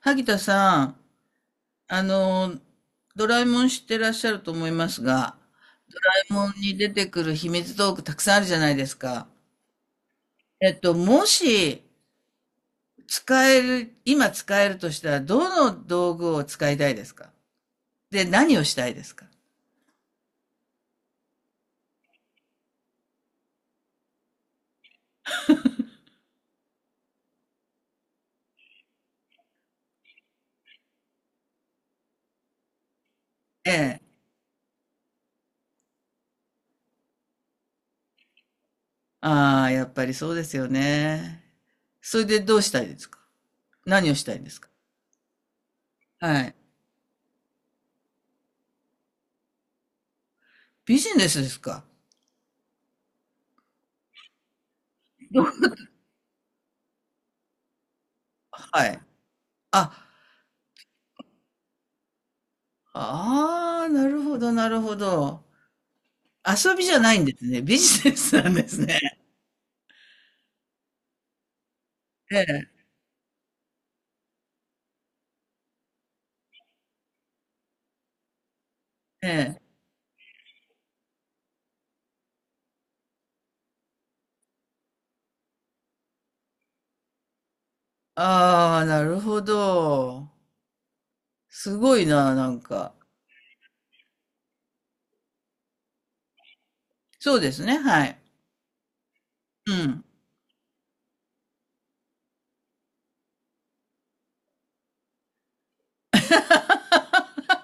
萩田さん、あの、ドラえもん知ってらっしゃると思いますが、ドラえもんに出てくる秘密道具たくさんあるじゃないですか。もし使える、今使えるとしたら、どの道具を使いたいですか？で、何をしたいですか？ええ。ああ、やっぱりそうですよね。それでどうしたいですか？何をしたいんですか？はい。ビジネスですか？どうはい。あ、ああ、なるほど、なるほど。遊びじゃないんですね。ビジネスなんですね。ええ、ええ。ああ、なるほど。すごいな、なんか。そうですね、はい。うん。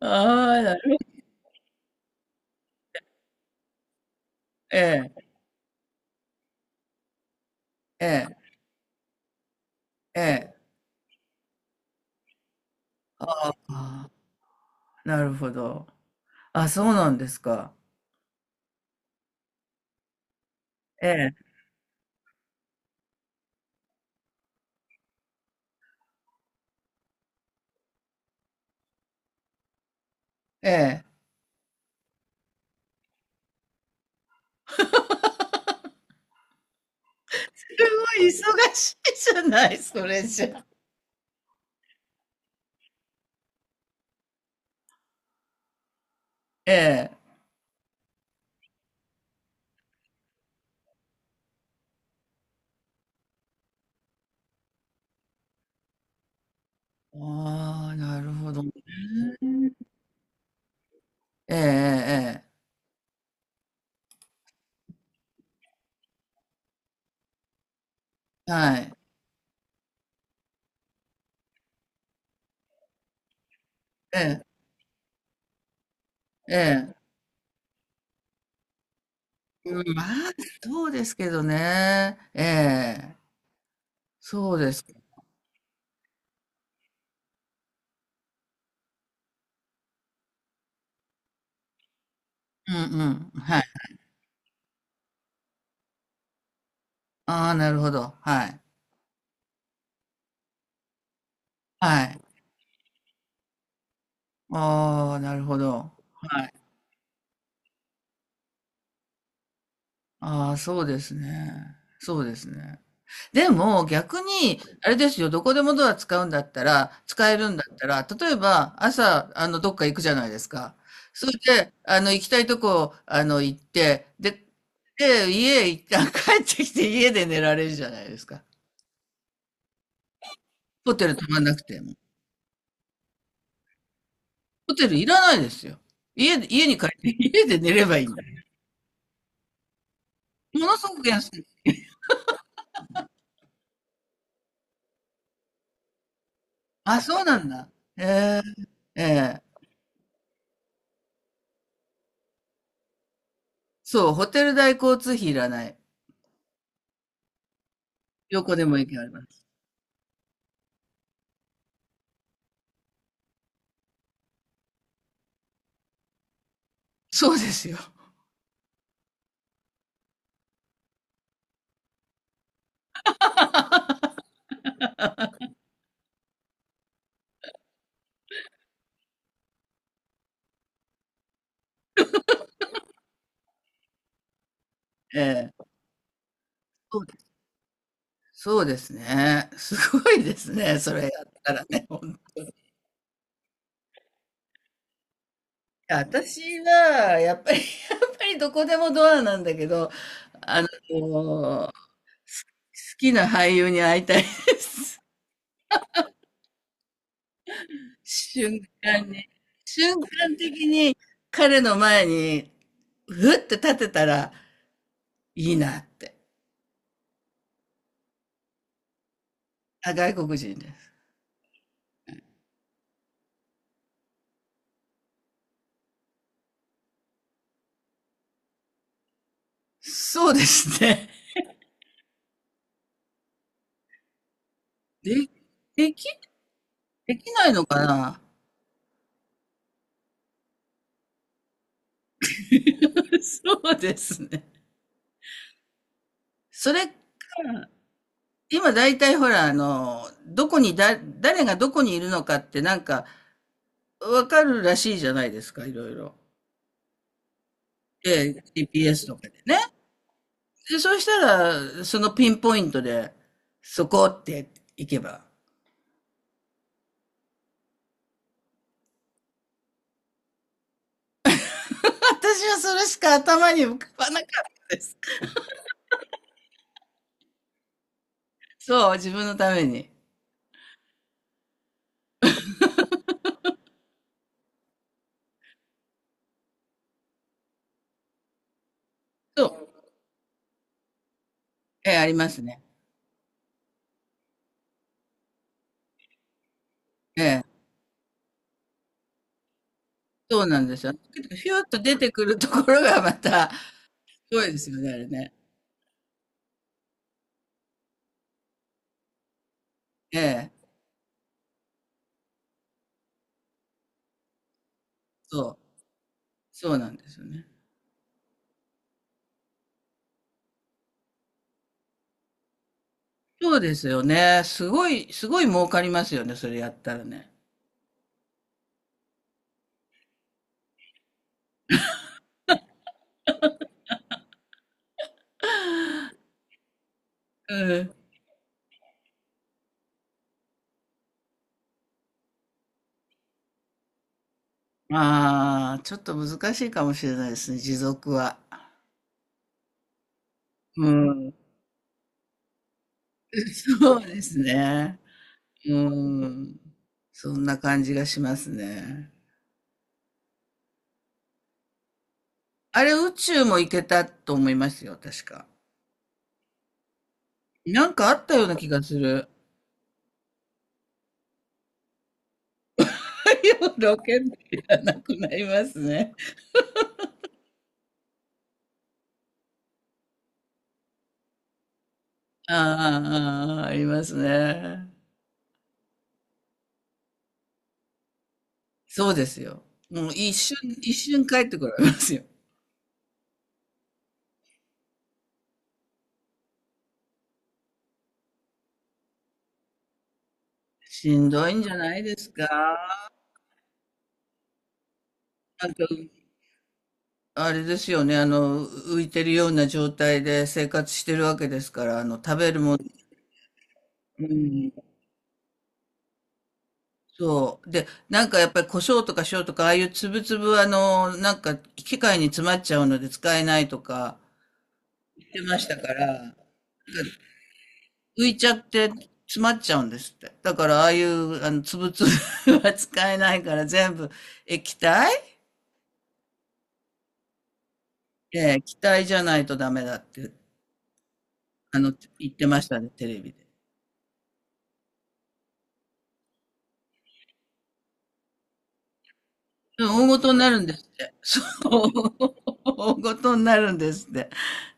ああ、なる、ええ、ええ、ええ。ああ、なるほど。あ、そうなんですか？ええ、ええ。すごい忙しいじゃない、それじゃ。ええ。ああ、なるほどね。ええ、ええ、ええ。はい。ええ、ええ。うん、まあ、そうですけどね。ええ、そうです。うん、うん。はい。ああ、なるほど。はい。はい。ああ、なるほど。はい。ああ、そうですね。そうですね。でも、逆に、あれですよ、どこでもドア使うんだったら、使えるんだったら、例えば、朝、どっか行くじゃないですか。それで、行きたいとこ、行って、で、で、家へ一旦帰ってきて、家で寝られるじゃないですか。ホテル泊まんなくても。ホテルいらないですよ。家で、家に帰って、家で寝ればいいんだ。ものすごく安い。あ、そうなんだ。ええ、ええ、そう、ホテル代交通費いらない。どこでも行けます。そうですよ。ええ、そうです、そうですね。すごいですね。それやったらね。ほんと、私は、やっぱり、やっぱりどこでもドアなんだけど、あの、好きな俳優に会いたいです。瞬間に、瞬間的に彼の前に、ふって立てたらいいなって。あ、外国人です。そうですね。で、でき、できないのかな。 そうですね。それか、今大体ほら、どこにだ、誰がどこにいるのかってなんかわかるらしいじゃないですか、いろいろ。ええ、GPS とかでね。で、そうしたら、そのピンポイントで、そこって行けば。私はそれしか頭に浮かばなかったです。そう、自分のために。そう。ええ、ありますね。ええ。そうなんですよ。けどひゅっと出てくるところがまた、すごいですよね、あれね。ええ、そう。そうなんですよね。そうですよね。すごい、すごい儲かりますよね、それやったらね。うん。ああ、ちょっと難しいかもしれないですね、持続は。うん。そうですね。うーん。そんな感じがしますね。あれ、宇宙も行けたと思いますよ、確か。なんかあったような気がする。太陽の権じゃなくなりますね。ああ、ああ、ありますね。そうですよ。もう一瞬、一瞬帰ってこられますよ。しんどいんじゃないですか。なんか、あれですよね。浮いてるような状態で生活してるわけですから、食べるもの、うん、そう。で、なんかやっぱり胡椒とか塩とか、ああいう粒々はなんか機械に詰まっちゃうので使えないとか言ってましたから、浮いちゃって詰まっちゃうんですって。だからああいうあの粒々は 使えないから全部液体、ええ、気体じゃないとダメだって、あの、言ってましたね、テレビで。うん、大事になるんですって。そう。大事になるんですって。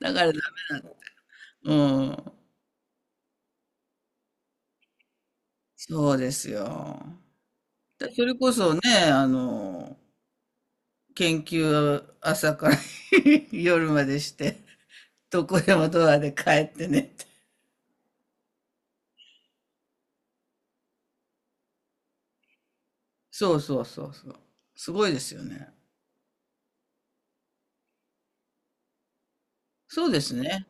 だからダメだ。うん。そうですよ。だ、それこそね、あの、研究を朝から 夜までして、どこでもドアで帰ってねって。そうそうそうそう。すごいですよね。そうですね。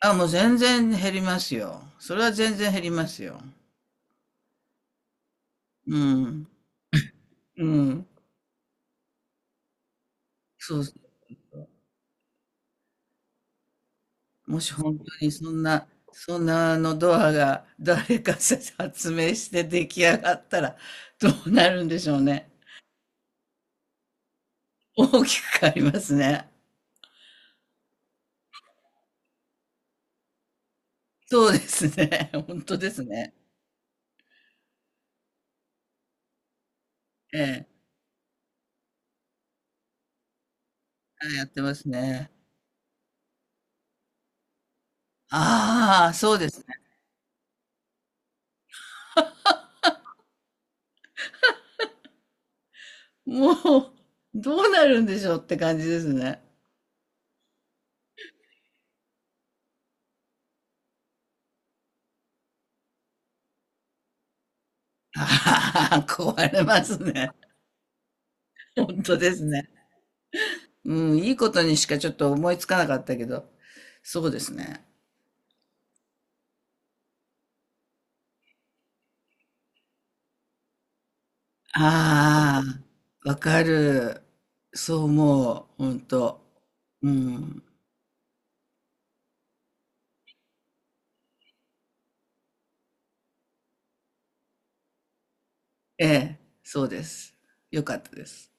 あ、もう全然減りますよ。それは全然減りますよ。うん。うん。そうそう。もし本当にそんな、そんなあのドアが誰かさ発明して出来上がったらどうなるんでしょうね。大きく変わりますね。そうですね。本当ですね。ええ。はい、やってますね。ああ、そうですね。もう、どうなるんでしょうって感じですね。ああ、壊れますね。本当ですね。うん、いいことにしかちょっと思いつかなかったけど、そうですね。ああ、わかる。そう思う、本当。うん。ええ、そうです。よかったです。